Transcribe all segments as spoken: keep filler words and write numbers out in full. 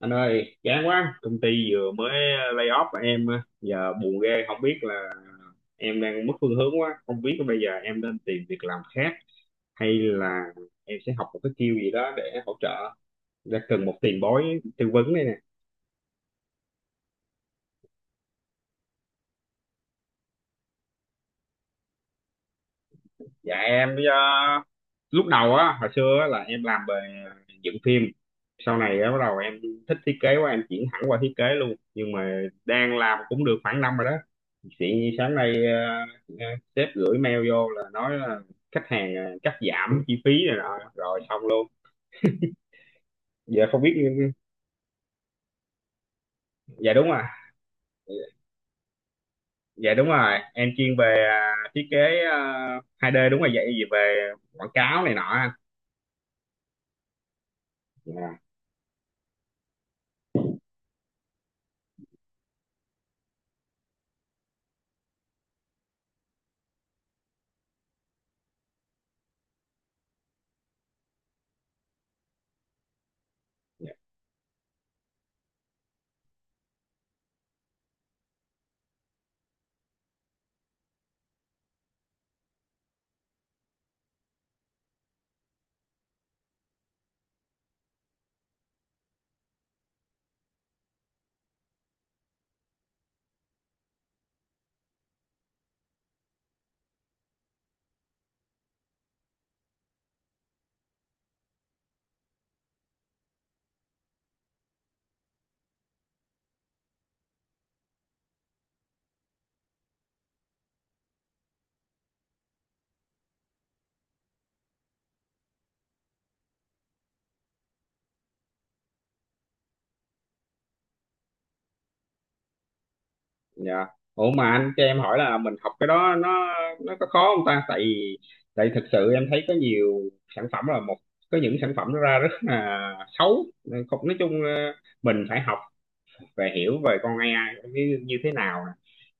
Anh ơi, chán quá, công ty vừa mới ờ, lay off và em giờ buồn ghê, không biết là em đang mất phương hướng quá, không biết bây giờ em nên tìm việc làm khác hay là em sẽ học một cái skill gì đó để hỗ trợ, đã cần một tiền bối tư vấn đây nè. Dạ em bây giờ lúc đầu á hồi xưa á, là em làm về dựng phim. Sau này á bắt đầu em thích thiết kế quá em chuyển hẳn qua thiết kế luôn, nhưng mà đang làm cũng được khoảng năm rồi đó chị. Sáng nay ờ, ờ, sếp gửi mail vô là nói là khách hàng ờ, cắt giảm chi phí này nọ rồi xong luôn. Giờ không biết. Ừ, ừ. Dạ đúng rồi. Dạ đúng rồi, em chuyên về à, thiết kế à, hai đê, đúng rồi vậy, về quảng cáo này nọ anh. Dạ. Dạ. Ủa mà anh cho em hỏi là mình học cái đó nó nó có khó không ta? Tại tại thực sự em thấy có nhiều sản phẩm là một, có những sản phẩm nó ra rất là xấu. Không, nói chung ờ, mình phải học về hiểu về con a i như, như thế nào nè.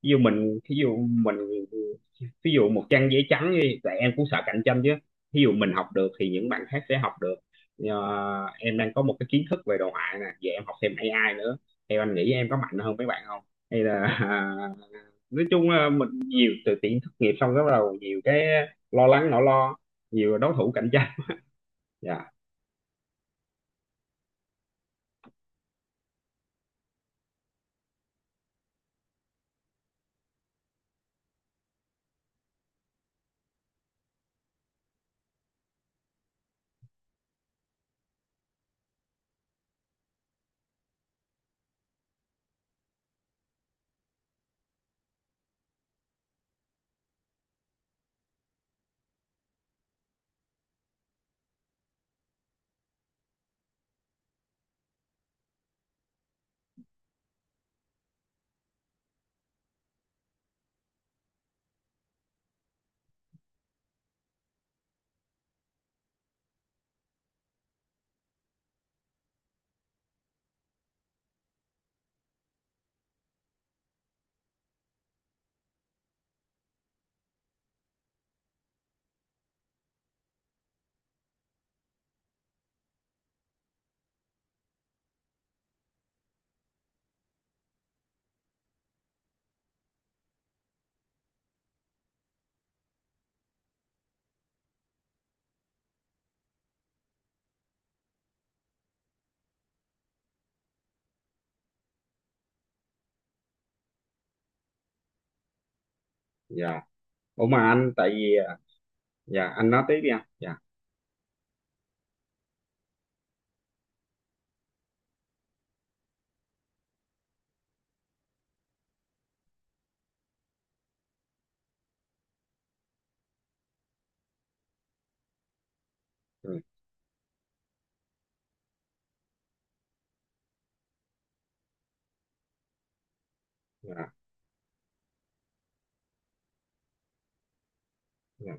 Ví dụ mình ví dụ mình Ví dụ một trang giấy trắng đi, tại em cũng sợ cạnh tranh chứ. Ví dụ mình học được thì những bạn khác sẽ học được. Ờ, em đang có một cái kiến thức về đồ họa nè, vậy em học thêm a i nữa. Theo anh nghĩ em có mạnh hơn mấy bạn không? Hay là nói chung là mình nhiều từ tiện thất nghiệp xong cái bắt đầu nhiều cái lo lắng, nỗi lo, nhiều đối thủ cạnh tranh. Dạ. Dạ. Ủa mà anh tại vì dạ, anh nói tiếp đi anh. Dạ. Ừ. Dạ. Dạ.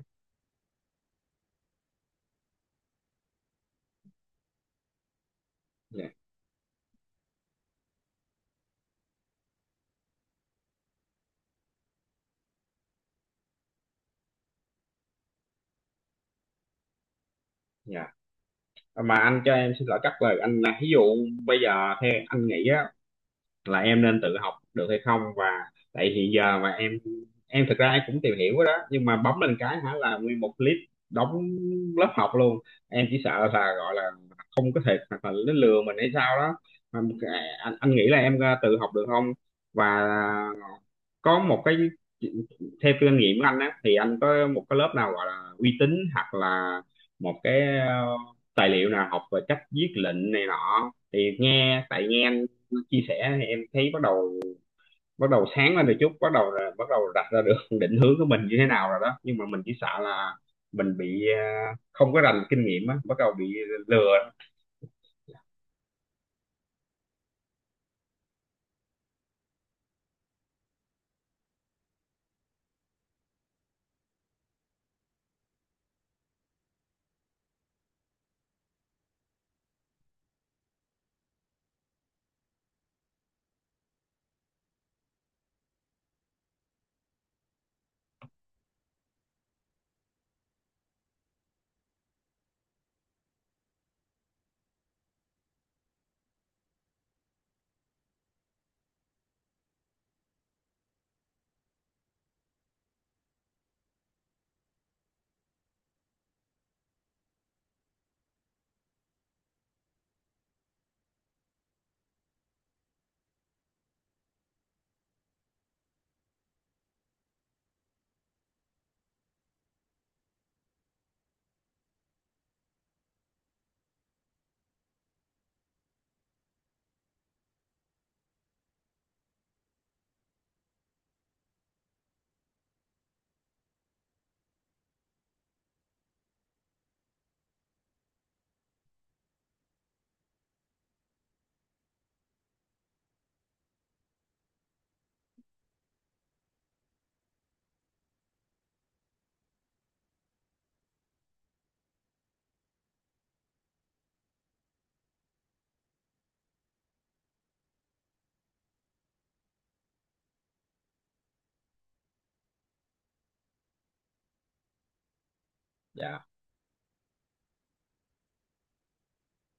Dạ. Dạ. À, mà anh cho em xin lỗi cắt lời anh là ví dụ bây giờ theo anh nghĩ á là em nên tự học được hay không, và tại hiện giờ mà em em thực ra em cũng tìm hiểu đó nhưng mà bấm lên cái hả là nguyên một clip đóng lớp học luôn. Em chỉ sợ là gọi là không có thể hoặc là nó lừa mình hay sao đó mà anh, anh nghĩ là em ờ, tự học được không, và có một cái theo kinh nghiệm của anh á thì anh có một cái lớp nào gọi là uy tín hoặc là một cái ờ, tài liệu nào học về cách viết lệnh này nọ thì nghe tại nghe anh chia sẻ thì em thấy bắt đầu bắt đầu sáng lên được chút, bắt đầu là bắt đầu đặt ra được định hướng của mình như thế nào rồi đó, nhưng mà mình chỉ sợ là mình bị ờ, không có rành kinh nghiệm á bắt đầu bị lừa. Dạ.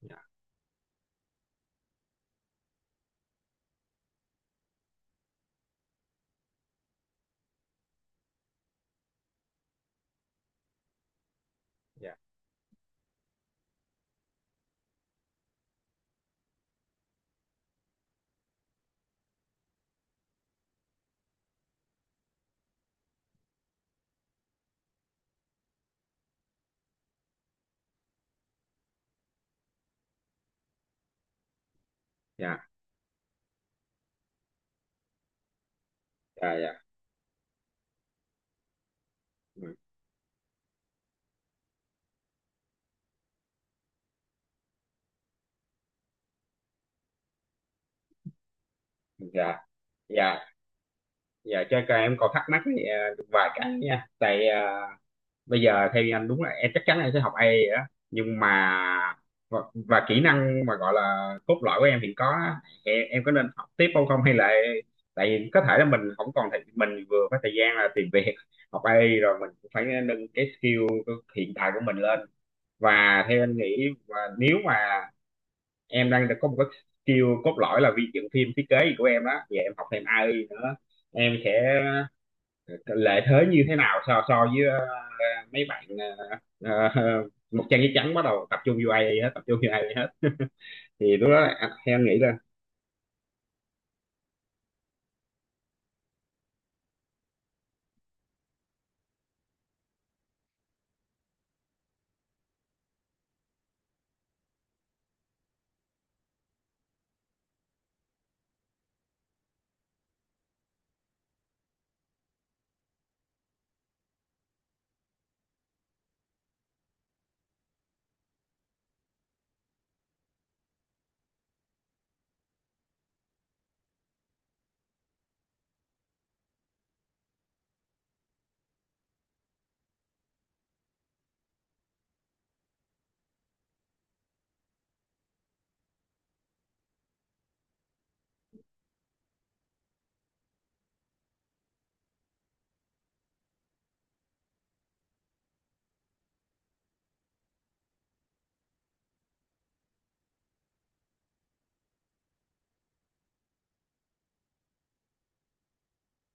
Dạ. Dạ. Dạ. Dạ. Dạ. Ừ. Dạ. Dạ. Dạ cho cho em còn thắc mắc thì, ờ, vài cái nha tại ờ, bây giờ theo anh đúng là em chắc chắn là em sẽ học ây ai rồi đó. Nhưng mà và, và kỹ năng mà gọi là cốt lõi của em hiện có á, em, em có nên học tiếp không không, hay là tại vì có thể là mình không còn thời, mình vừa có thời gian là tìm việc, học ây ai rồi mình cũng phải nâng cái skill hiện tại của mình lên. Và theo anh nghĩ, và nếu mà em đang có một cái skill cốt lõi là vi dựng phim thiết kế gì của em đó, giờ em học thêm a i nữa em sẽ lợi thế như thế nào so so với ờ, mấy bạn ờ, ờ, một trang giấy trắng bắt đầu tập trung vô a i hết, tập trung vô ây ai hết thì lúc đó anh- theo anh nghĩ là.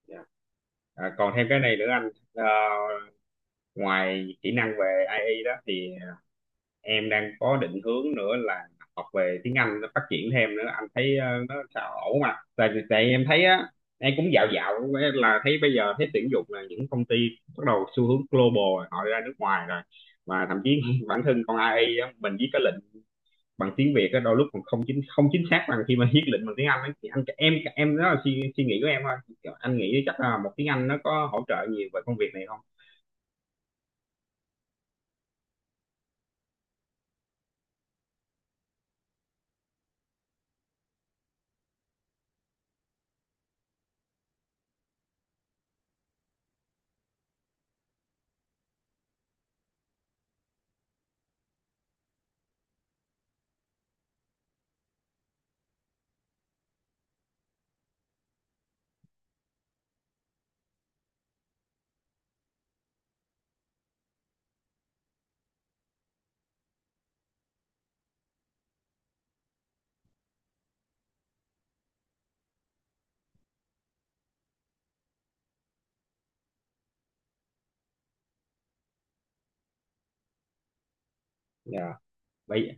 Dạ. À, còn thêm cái này nữa anh. Ờ, ngoài kỹ năng về a i đó thì em đang có định hướng nữa là học về tiếng Anh, nó phát triển thêm nữa, anh thấy ờ, nó sao ổn mà tại tại em thấy á em cũng dạo dạo là thấy bây giờ thấy tuyển dụng là những công ty bắt đầu xu hướng global rồi, họ ra nước ngoài rồi, mà thậm chí bản thân con a i á, mình viết cái lệnh bằng tiếng Việt á đôi lúc còn không chính không chính xác bằng khi mà viết lệnh bằng tiếng Anh á. Thì anh em em đó là suy, suy nghĩ của em thôi, anh nghĩ chắc là một tiếng Anh nó có hỗ trợ nhiều về công việc này không. Dạ bây giờ.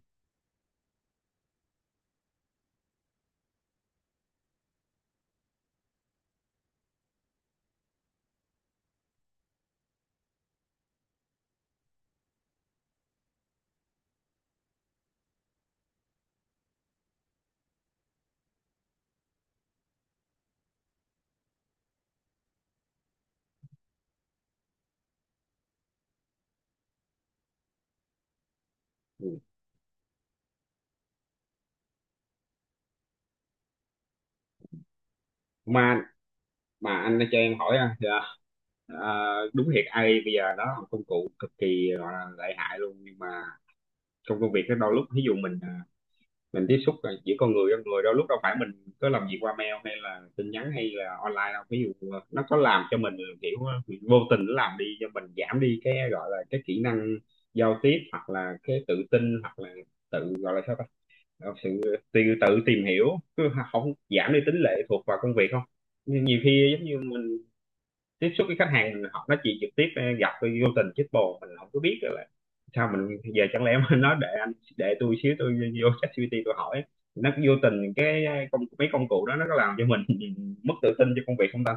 Ừ. mà mà anh đã cho em hỏi à, dạ, à, đúng thiệt a i bây giờ nó là một công cụ cực kỳ gọi là lợi hại luôn, nhưng mà trong công việc đó đôi lúc ví dụ mình à, mình tiếp xúc là giữa con người với con người, đôi lúc đâu phải mình cứ làm việc qua mail hay là tin nhắn hay là online đâu, ví dụ à, nó có làm cho mình kiểu à, vô tình nó làm đi cho mình giảm đi cái gọi là cái kỹ năng giao tiếp hoặc là cái tự tin hoặc là tự gọi là sao ta. Ờ, sự tự tự tìm hiểu, cứ không giảm đi tính lệ thuộc vào công việc không? Nhưng nhiều khi tiếp xúc với khách hàng họ nói chuyện trực tiếp ờ, gặp tôi vô tình chết bồ mình không có biết rồi là sao, mình giờ chẳng lẽ mình nói để anh để tôi xíu, tôi vô ChatGPT tôi hỏi nó, vô tình cái ờ, công mấy công cụ đó nó có làm cho mình mất tự tin cho công việc không ta?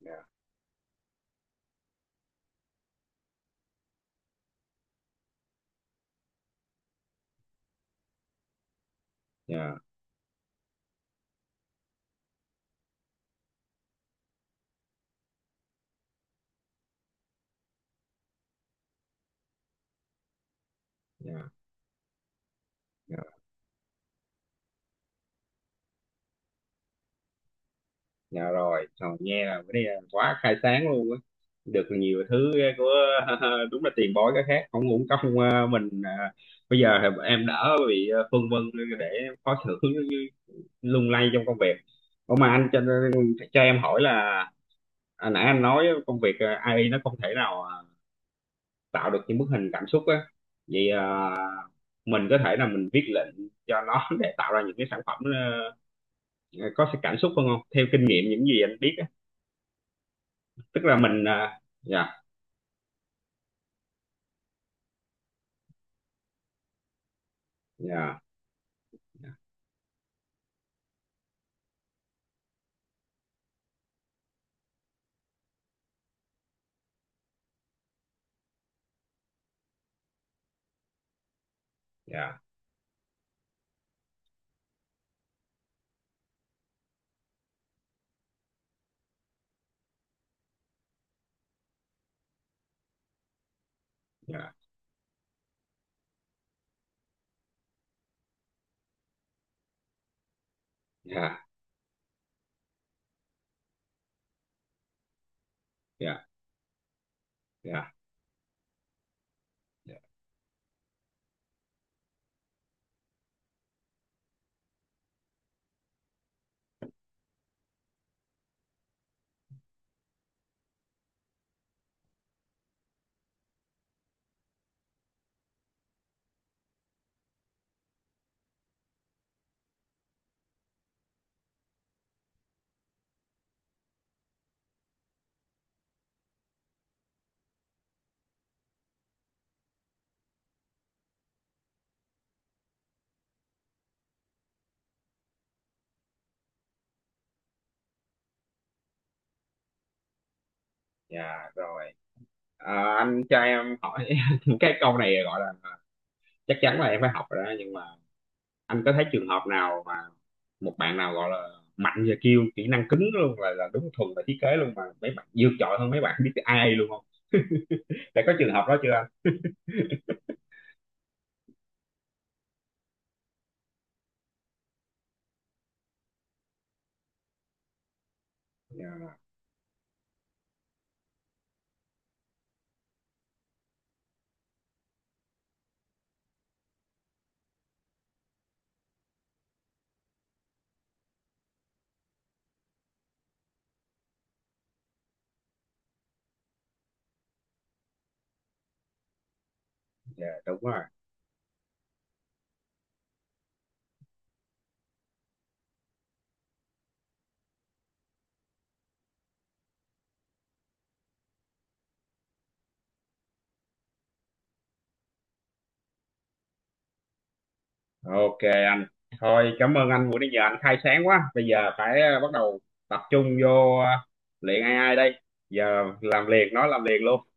Dạ. Dạ. Dạ. Dạ. Dạ rồi. Trời, nghe là cái này là quá khai sáng luôn á, được nhiều thứ của đúng là tiền bối cái khác, không uổng công ờ, mình. Ờ, bây giờ thì em đỡ bị ờ, phân vân, để khó xử, lung lay trong công việc. Ủa mà anh cho, cho em hỏi là à, nãy anh nói công việc à, ây ai nó không thể nào à, tạo được những bức hình cảm xúc á, vậy à, mình có thể là mình viết lệnh cho nó để tạo ra những cái sản phẩm ờ, có sự cảm xúc hơn không, theo kinh nghiệm những gì anh biết á? Tức là mình à, dạ. Dạ. Dạ. Dạ. Dạ. Dạ. Dạ. Dạ. Dạ, rồi. À, anh cho em hỏi cái câu này gọi là chắc chắn là em phải học rồi đó, nhưng mà anh có thấy trường hợp nào mà một bạn nào gọi là mạnh về kiêu kỹ năng cứng luôn là là đúng thuần về thiết kế luôn mà mấy bạn vượt trội hơn mấy bạn biết ai luôn không? Đã có trường hợp đó chưa anh? Dạ. Dạ, đúng rồi. Ok anh. Thôi cảm ơn anh, buổi nãy giờ anh khai sáng quá, bây giờ phải ờ, bắt đầu tập trung vô ờ, luyện a i đây. Giờ làm liền, nói làm liền luôn.